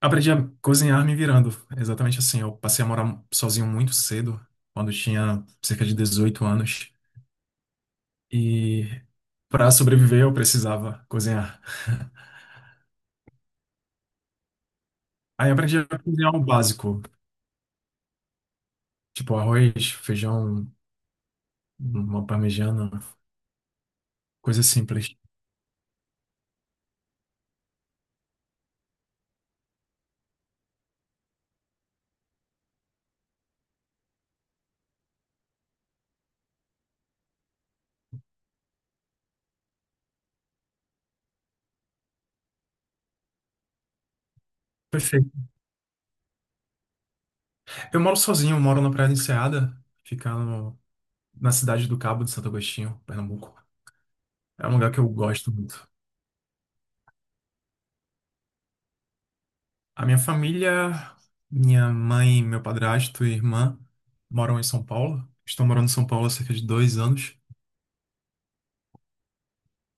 Aprendi a cozinhar me virando. É exatamente assim. Eu passei a morar sozinho muito cedo, quando eu tinha cerca de 18 anos. E para sobreviver, eu precisava cozinhar. Aí aprendi a cozinhar o básico, tipo arroz, feijão, uma parmegiana, coisas simples. Perfeito. Eu moro sozinho, moro na Praia da Enseada, fica no- na cidade do Cabo de Santo Agostinho, Pernambuco. É um lugar que eu gosto muito. A minha família, minha mãe, meu padrasto e irmã moram em São Paulo. Estão morando em São Paulo há cerca de 2 anos.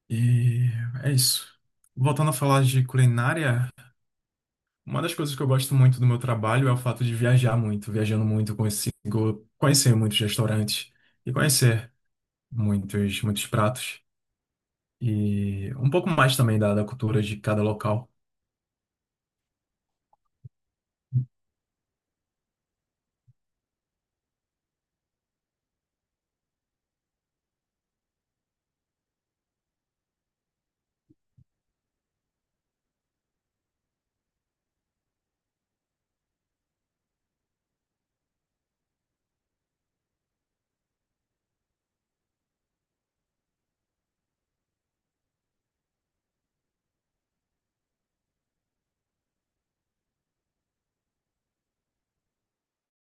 E é isso. Voltando a falar de culinária, uma das coisas que eu gosto muito do meu trabalho é o fato de viajar muito. Viajando muito, eu consigo conhecer muitos restaurantes e conhecer muitos, muitos pratos. E um pouco mais também da cultura de cada local.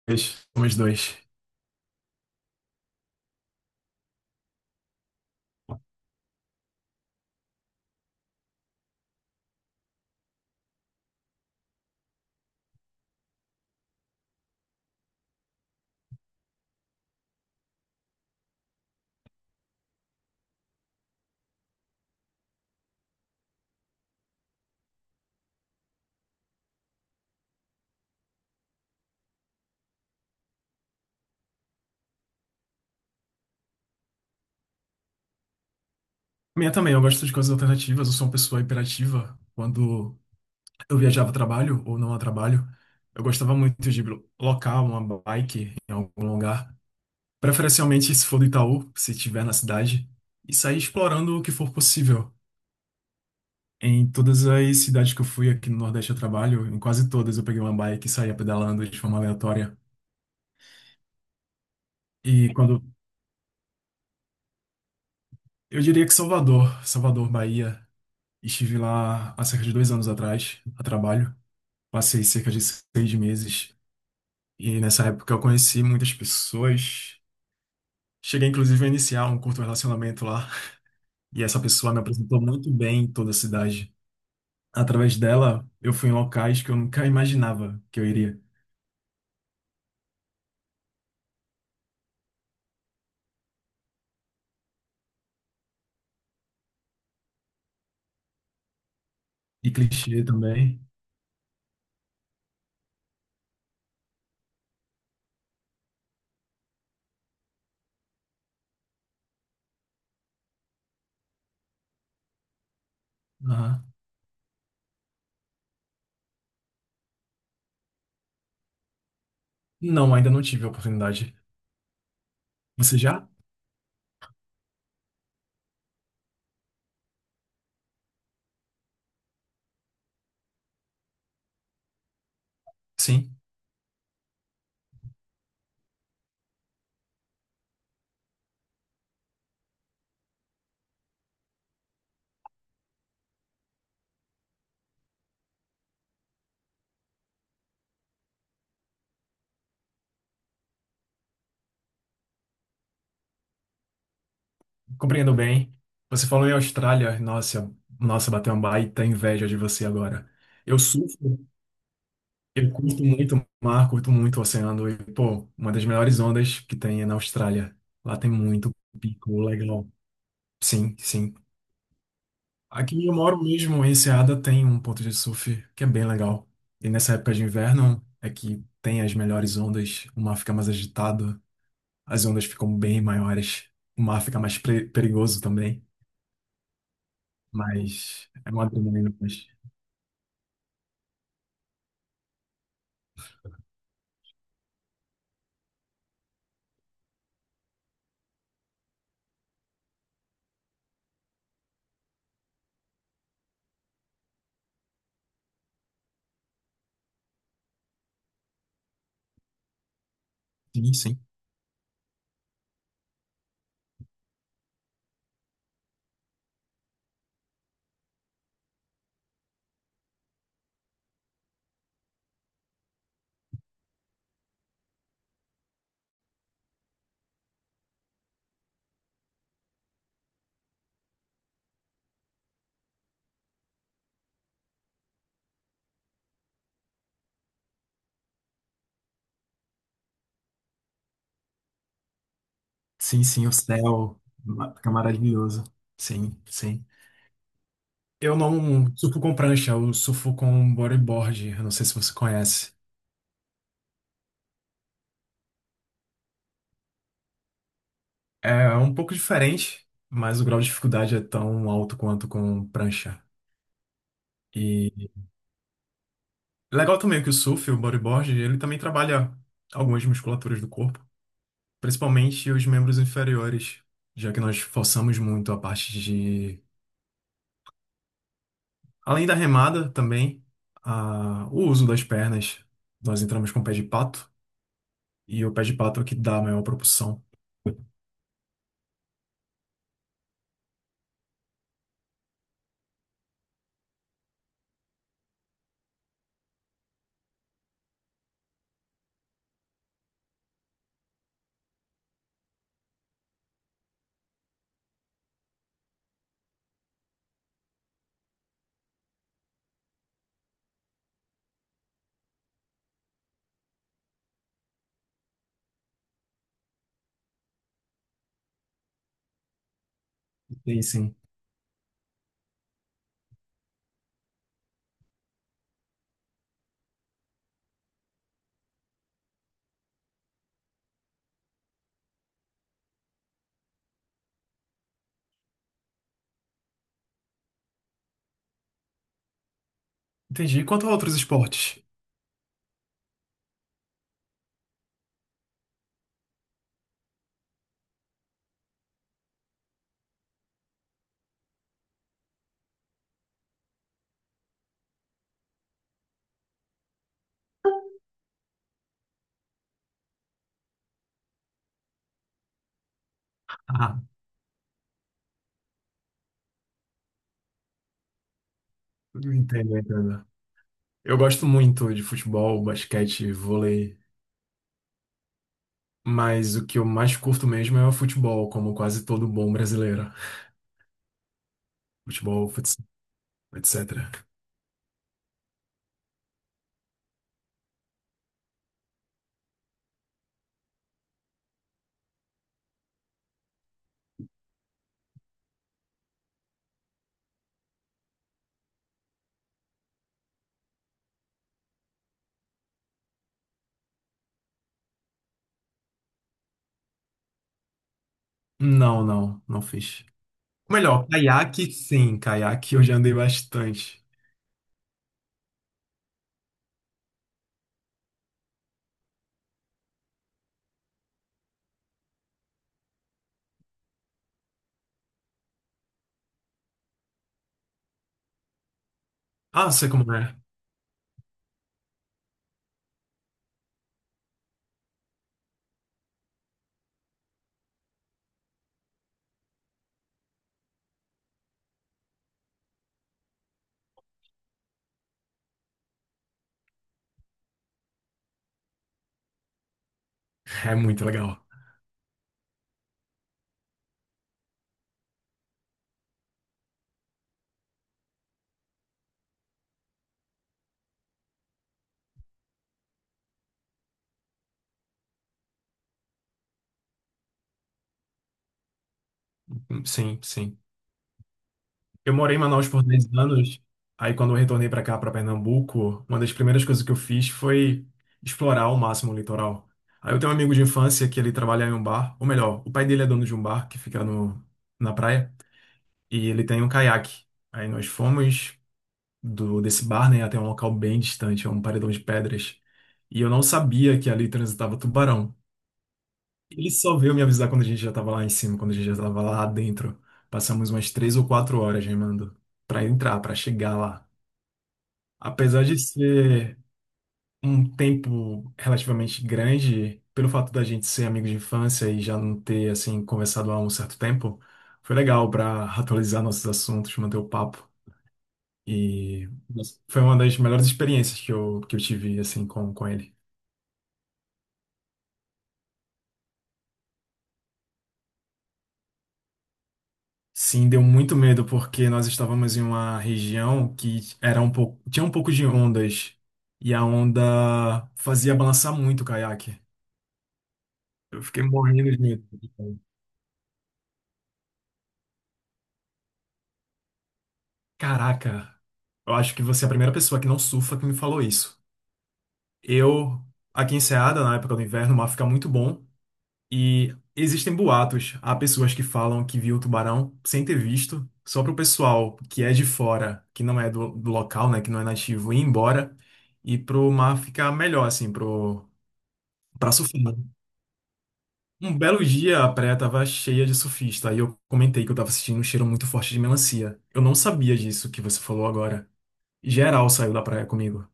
Dois. Somos dois. Minha também, eu gosto de coisas alternativas, eu sou uma pessoa hiperativa. Quando eu viajava a trabalho ou não a trabalho, eu gostava muito de locar uma bike em algum lugar, preferencialmente se for do Itaú, se tiver na cidade, e sair explorando o que for possível. Em todas as cidades que eu fui aqui no Nordeste a trabalho, em quase todas eu peguei uma bike e saía pedalando de forma aleatória. E quando Eu diria que Salvador, Salvador, Bahia. Estive lá há cerca de 2 anos atrás, a trabalho. Passei cerca de 6 meses e nessa época eu conheci muitas pessoas. Cheguei inclusive a iniciar um curto relacionamento lá e essa pessoa me apresentou muito bem em toda a cidade. Através dela, eu fui em locais que eu nunca imaginava que eu iria. E clichê também. Aham. Não, ainda não tive a oportunidade. Você já? Sim. Compreendo bem. Você falou em Austrália. Nossa, nossa, bateu uma baita inveja de você agora. Eu surfo, eu curto muito o mar, curto muito o oceano. E, pô, uma das melhores ondas que tem é na Austrália. Lá tem muito pico legal. Sim, sim. Aqui onde eu moro mesmo, em Enseada, tem um ponto de surf que é bem legal. E nessa época de inverno é que tem as melhores ondas. O mar fica mais agitado, as ondas ficam bem maiores. O mar fica mais perigoso também. Mas é uma adrenalina, mas sim, sim. Sim, sim, o céu fica maravilhoso. Sim, sim. Eu não surfo com prancha, eu surfo com bodyboard. Eu não sei se você conhece. É um pouco diferente, mas o grau de dificuldade é tão alto quanto com prancha. E legal também que o surf, o bodyboard, ele também trabalha algumas musculaturas do corpo, principalmente os membros inferiores, já que nós forçamos muito a parte. Além da remada, também, o uso das pernas. Nós entramos com o pé de pato, e o pé de pato é o que dá a maior propulsão. E sim. Entendi. E quanto a outros esportes? Ah, entendo, entendo. Eu gosto muito de futebol, basquete, vôlei, mas o que eu mais curto mesmo é o futebol, como quase todo bom brasileiro. Futebol, futsal, etc. Não, não, não fiz. Melhor, caiaque, sim, caiaque eu já andei bastante. Ah, sei como é. É muito legal. Sim, sim. Eu morei em Manaus por 10 anos. Aí, quando eu retornei para cá, para Pernambuco, uma das primeiras coisas que eu fiz foi explorar ao máximo o litoral. Aí, eu tenho um amigo de infância que ele trabalha em um bar, ou melhor, o pai dele é dono de um bar que fica no, na praia, e ele tem um caiaque. Aí, nós fomos do desse bar, né, até um local bem distante, é um paredão de pedras. E eu não sabia que ali transitava tubarão. Ele só veio me avisar quando a gente já tava lá em cima, quando a gente já tava lá dentro. Passamos umas 3 ou 4 horas remando pra entrar, pra chegar lá. Apesar de ser um tempo relativamente grande, pelo fato da gente ser amigo de infância e já não ter, assim, conversado há um certo tempo, foi legal pra atualizar nossos assuntos, manter o papo. E nossa, foi uma das melhores experiências que eu tive, assim, com ele. Sim, deu muito medo porque nós estávamos em uma região que era um pouco, tinha um pouco de ondas e a onda fazia balançar muito o caiaque. Eu fiquei morrendo de medo. Caraca, eu acho que você é a primeira pessoa que não surfa que me falou isso. Eu, aqui em Ceada, na época do inverno, o mar fica muito bom. E existem boatos. Há pessoas que falam que viu o tubarão sem ter visto, só para o pessoal que é de fora, que não é do local, né, que não é nativo, ir embora e pro mar ficar melhor, assim, pro, pra surfar. Um belo dia a praia tava cheia de surfista, aí eu comentei que eu tava sentindo um cheiro muito forte de melancia. Eu não sabia disso que você falou agora. Geral saiu da praia comigo.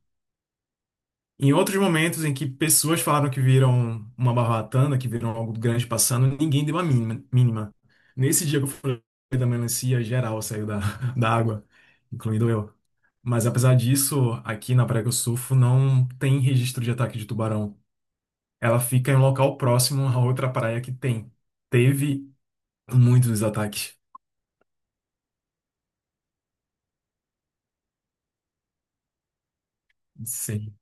Em outros momentos em que pessoas falaram que viram uma barbatana, que viram algo grande passando, ninguém deu a mínima. Nesse dia que eu falei da melancia, geral saiu da, da água, incluindo eu. Mas apesar disso, aqui na Praia que eu surfo não tem registro de ataque de tubarão. Ela fica em um local próximo a outra praia que tem. Teve muitos ataques. Sim.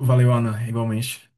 Valeu, Ana, igualmente.